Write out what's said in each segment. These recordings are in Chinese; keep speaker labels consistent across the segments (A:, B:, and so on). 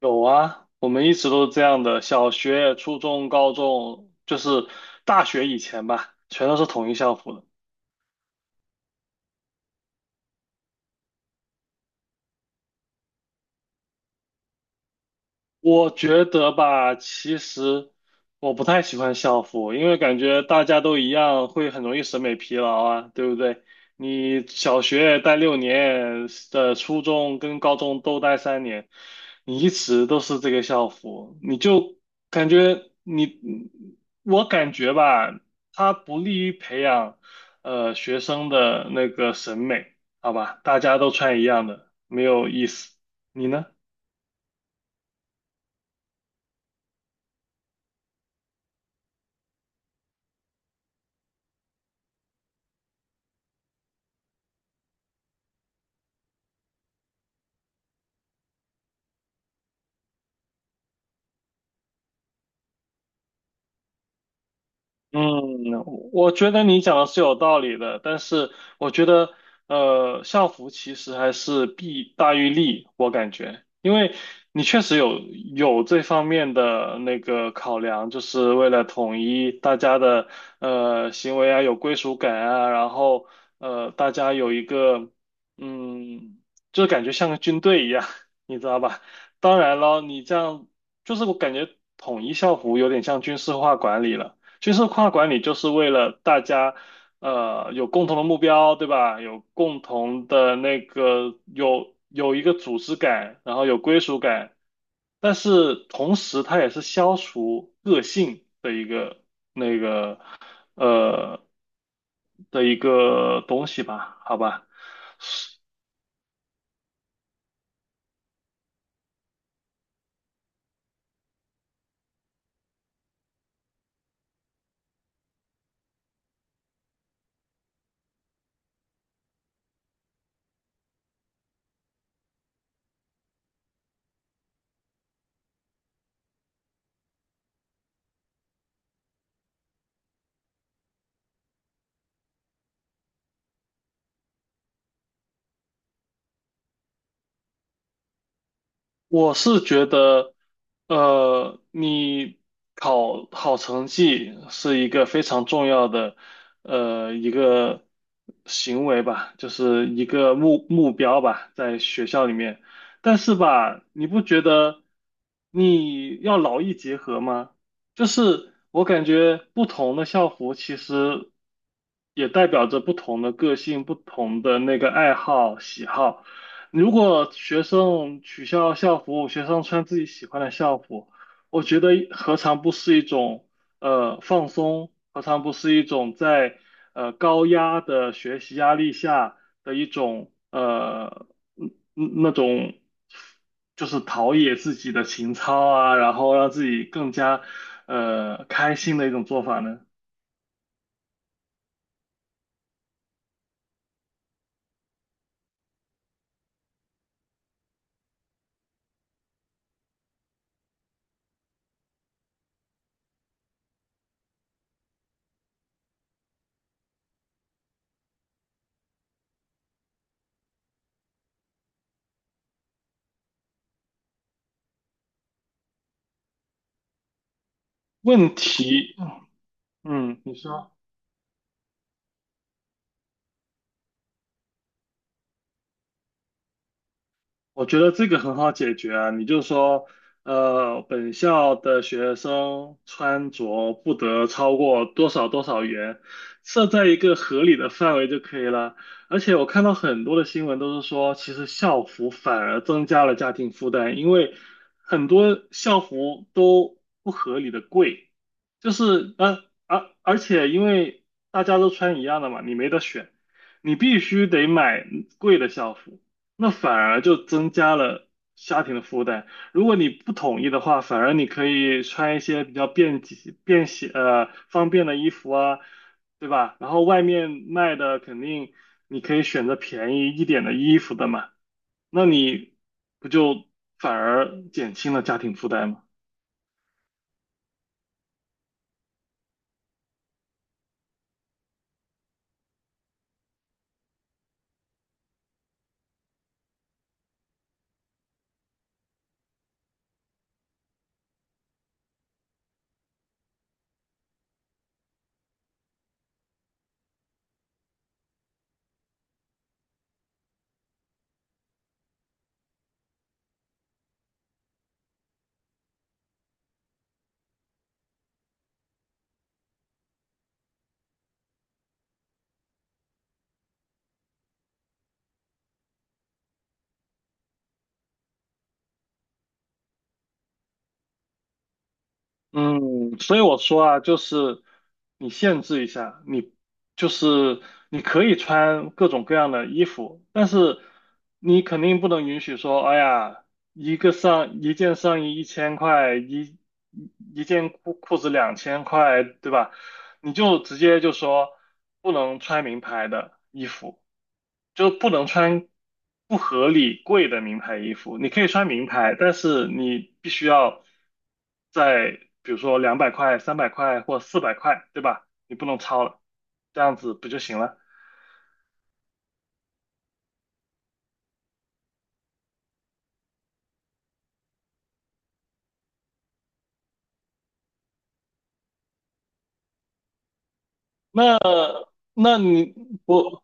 A: 有啊，我们一直都是这样的，小学、初中、高中，就是大学以前吧，全都是统一校服的。我觉得吧，其实我不太喜欢校服，因为感觉大家都一样，会很容易审美疲劳啊，对不对？你小学待6年，初中跟高中都待3年，你一直都是这个校服，你就感觉你，我感觉吧，它不利于培养学生的那个审美，好吧？大家都穿一样的，没有意思。你呢？嗯，我觉得你讲的是有道理的，但是我觉得校服其实还是弊大于利，我感觉，因为你确实有这方面的那个考量，就是为了统一大家的行为啊，有归属感啊，然后大家有一个嗯，就感觉像个军队一样，你知道吧？当然了，你这样就是我感觉统一校服有点像军事化管理了。军事化管理就是为了大家，有共同的目标，对吧？有共同的那个，有一个组织感，然后有归属感，但是同时它也是消除个性的一个那个呃的一个东西吧，好吧。我觉得,你考好成绩是一个非常重要的，一个行为吧，就是一个目标吧，在学校里面。但是吧，你不觉得你要劳逸结合吗？就是我感觉不同的校服其实也代表着不同的个性、不同的那个爱好、喜好。如果学生取消校服，学生穿自己喜欢的校服，我觉得何尝不是一种放松，何尝不是一种在高压的学习压力下的一种嗯那种就是陶冶自己的情操啊，然后让自己更加开心的一种做法呢？问题，嗯，你说。我觉得这个很好解决啊，你就说，本校的学生穿着不得超过多少多少元，设在一个合理的范围就可以了。而且我看到很多的新闻都是说，其实校服反而增加了家庭负担，因为很多校服都不合理的贵，而且因为大家都穿一样的嘛，你没得选，你必须得买贵的校服。那反而就增加了家庭的负担。如果你不统一的话，反而你可以穿一些比较便捷、便携、方便的衣服啊，对吧？然后外面卖的肯定你可以选择便宜一点的衣服的嘛，那你不就反而减轻了家庭负担吗？嗯，所以我说啊，就是你限制一下，你就是你可以穿各种各样的衣服，但是你肯定不能允许说，哎呀，一件上衣1000块，一件裤子2000块，对吧？你就直接就说不能穿名牌的衣服，就不能穿不合理贵的名牌衣服。你可以穿名牌，但是你必须要在比如说200块、300块或四百块，对吧？你不能超了，这样子不就行了？那那你不？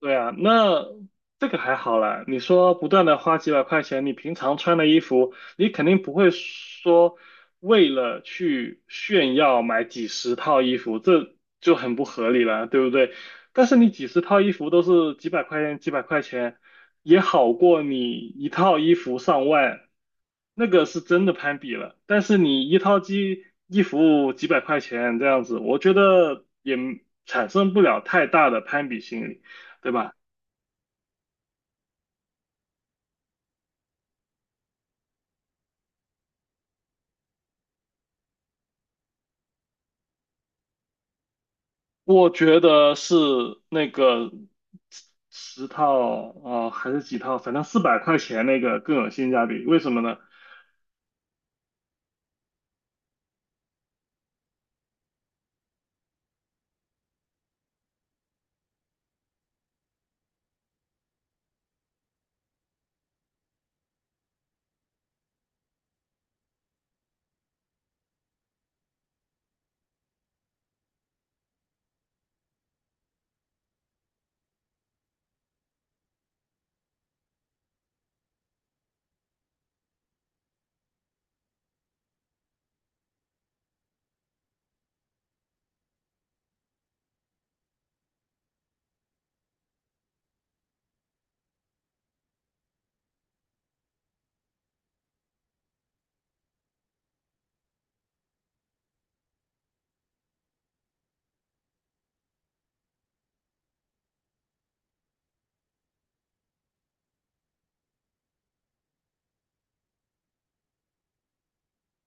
A: 对啊，那这个还好啦。你说不断的花几百块钱，你平常穿的衣服，你肯定不会说为了去炫耀买几十套衣服，这就很不合理了，对不对？但是你几十套衣服都是几百块钱，几百块钱也好过你一套衣服上万，那个是真的攀比了。但是你一套衣服几百块钱这样子，我觉得也产生不了太大的攀比心理。对吧？我觉得是那个十套啊、还是几套，反正400块钱那个更有性价比。为什么呢？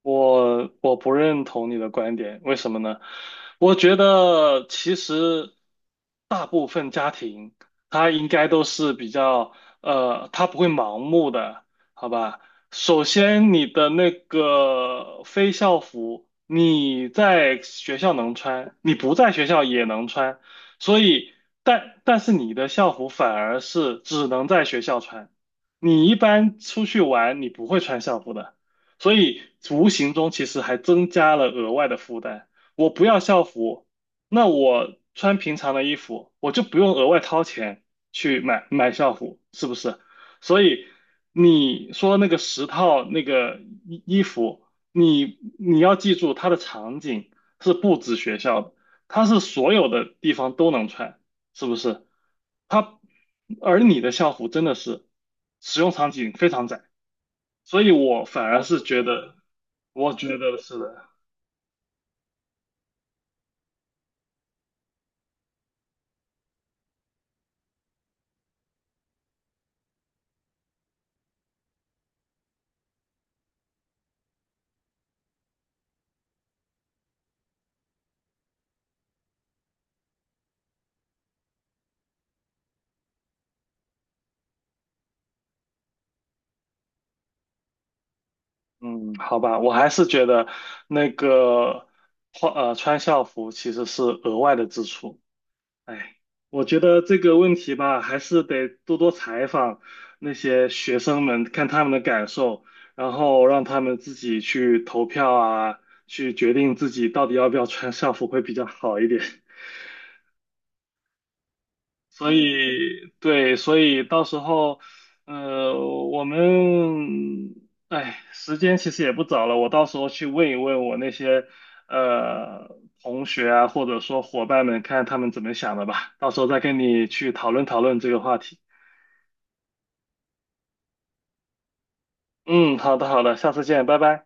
A: 我不认同你的观点，为什么呢？我觉得其实大部分家庭，他应该都是比较，他不会盲目的，好吧？首先，你的那个非校服，你在学校能穿，你不在学校也能穿，所以，但是你的校服反而是只能在学校穿，你一般出去玩，你不会穿校服的。所以无形中其实还增加了额外的负担。我不要校服，那我穿平常的衣服，我就不用额外掏钱去买校服，是不是？所以你说那个十套那个衣服，你要记住它的场景是不止学校的，它是所有的地方都能穿，是不是？它你的校服真的是使用场景非常窄。所以我反而是觉得，我觉得是的，嗯，好吧，我还是觉得那个穿校服其实是额外的支出。哎，我觉得这个问题吧，还是得多多采访那些学生们，看他们的感受，然后让他们自己去投票啊，去决定自己到底要不要穿校服会比较好一点。所以对，所以到时候，呃，我们，哎，时间其实也不早了，我到时候去问一问我那些呃同学啊，或者说伙伴们，看他们怎么想的吧，到时候再跟你去讨论讨论这个话题。嗯，好的好的，下次见，拜拜。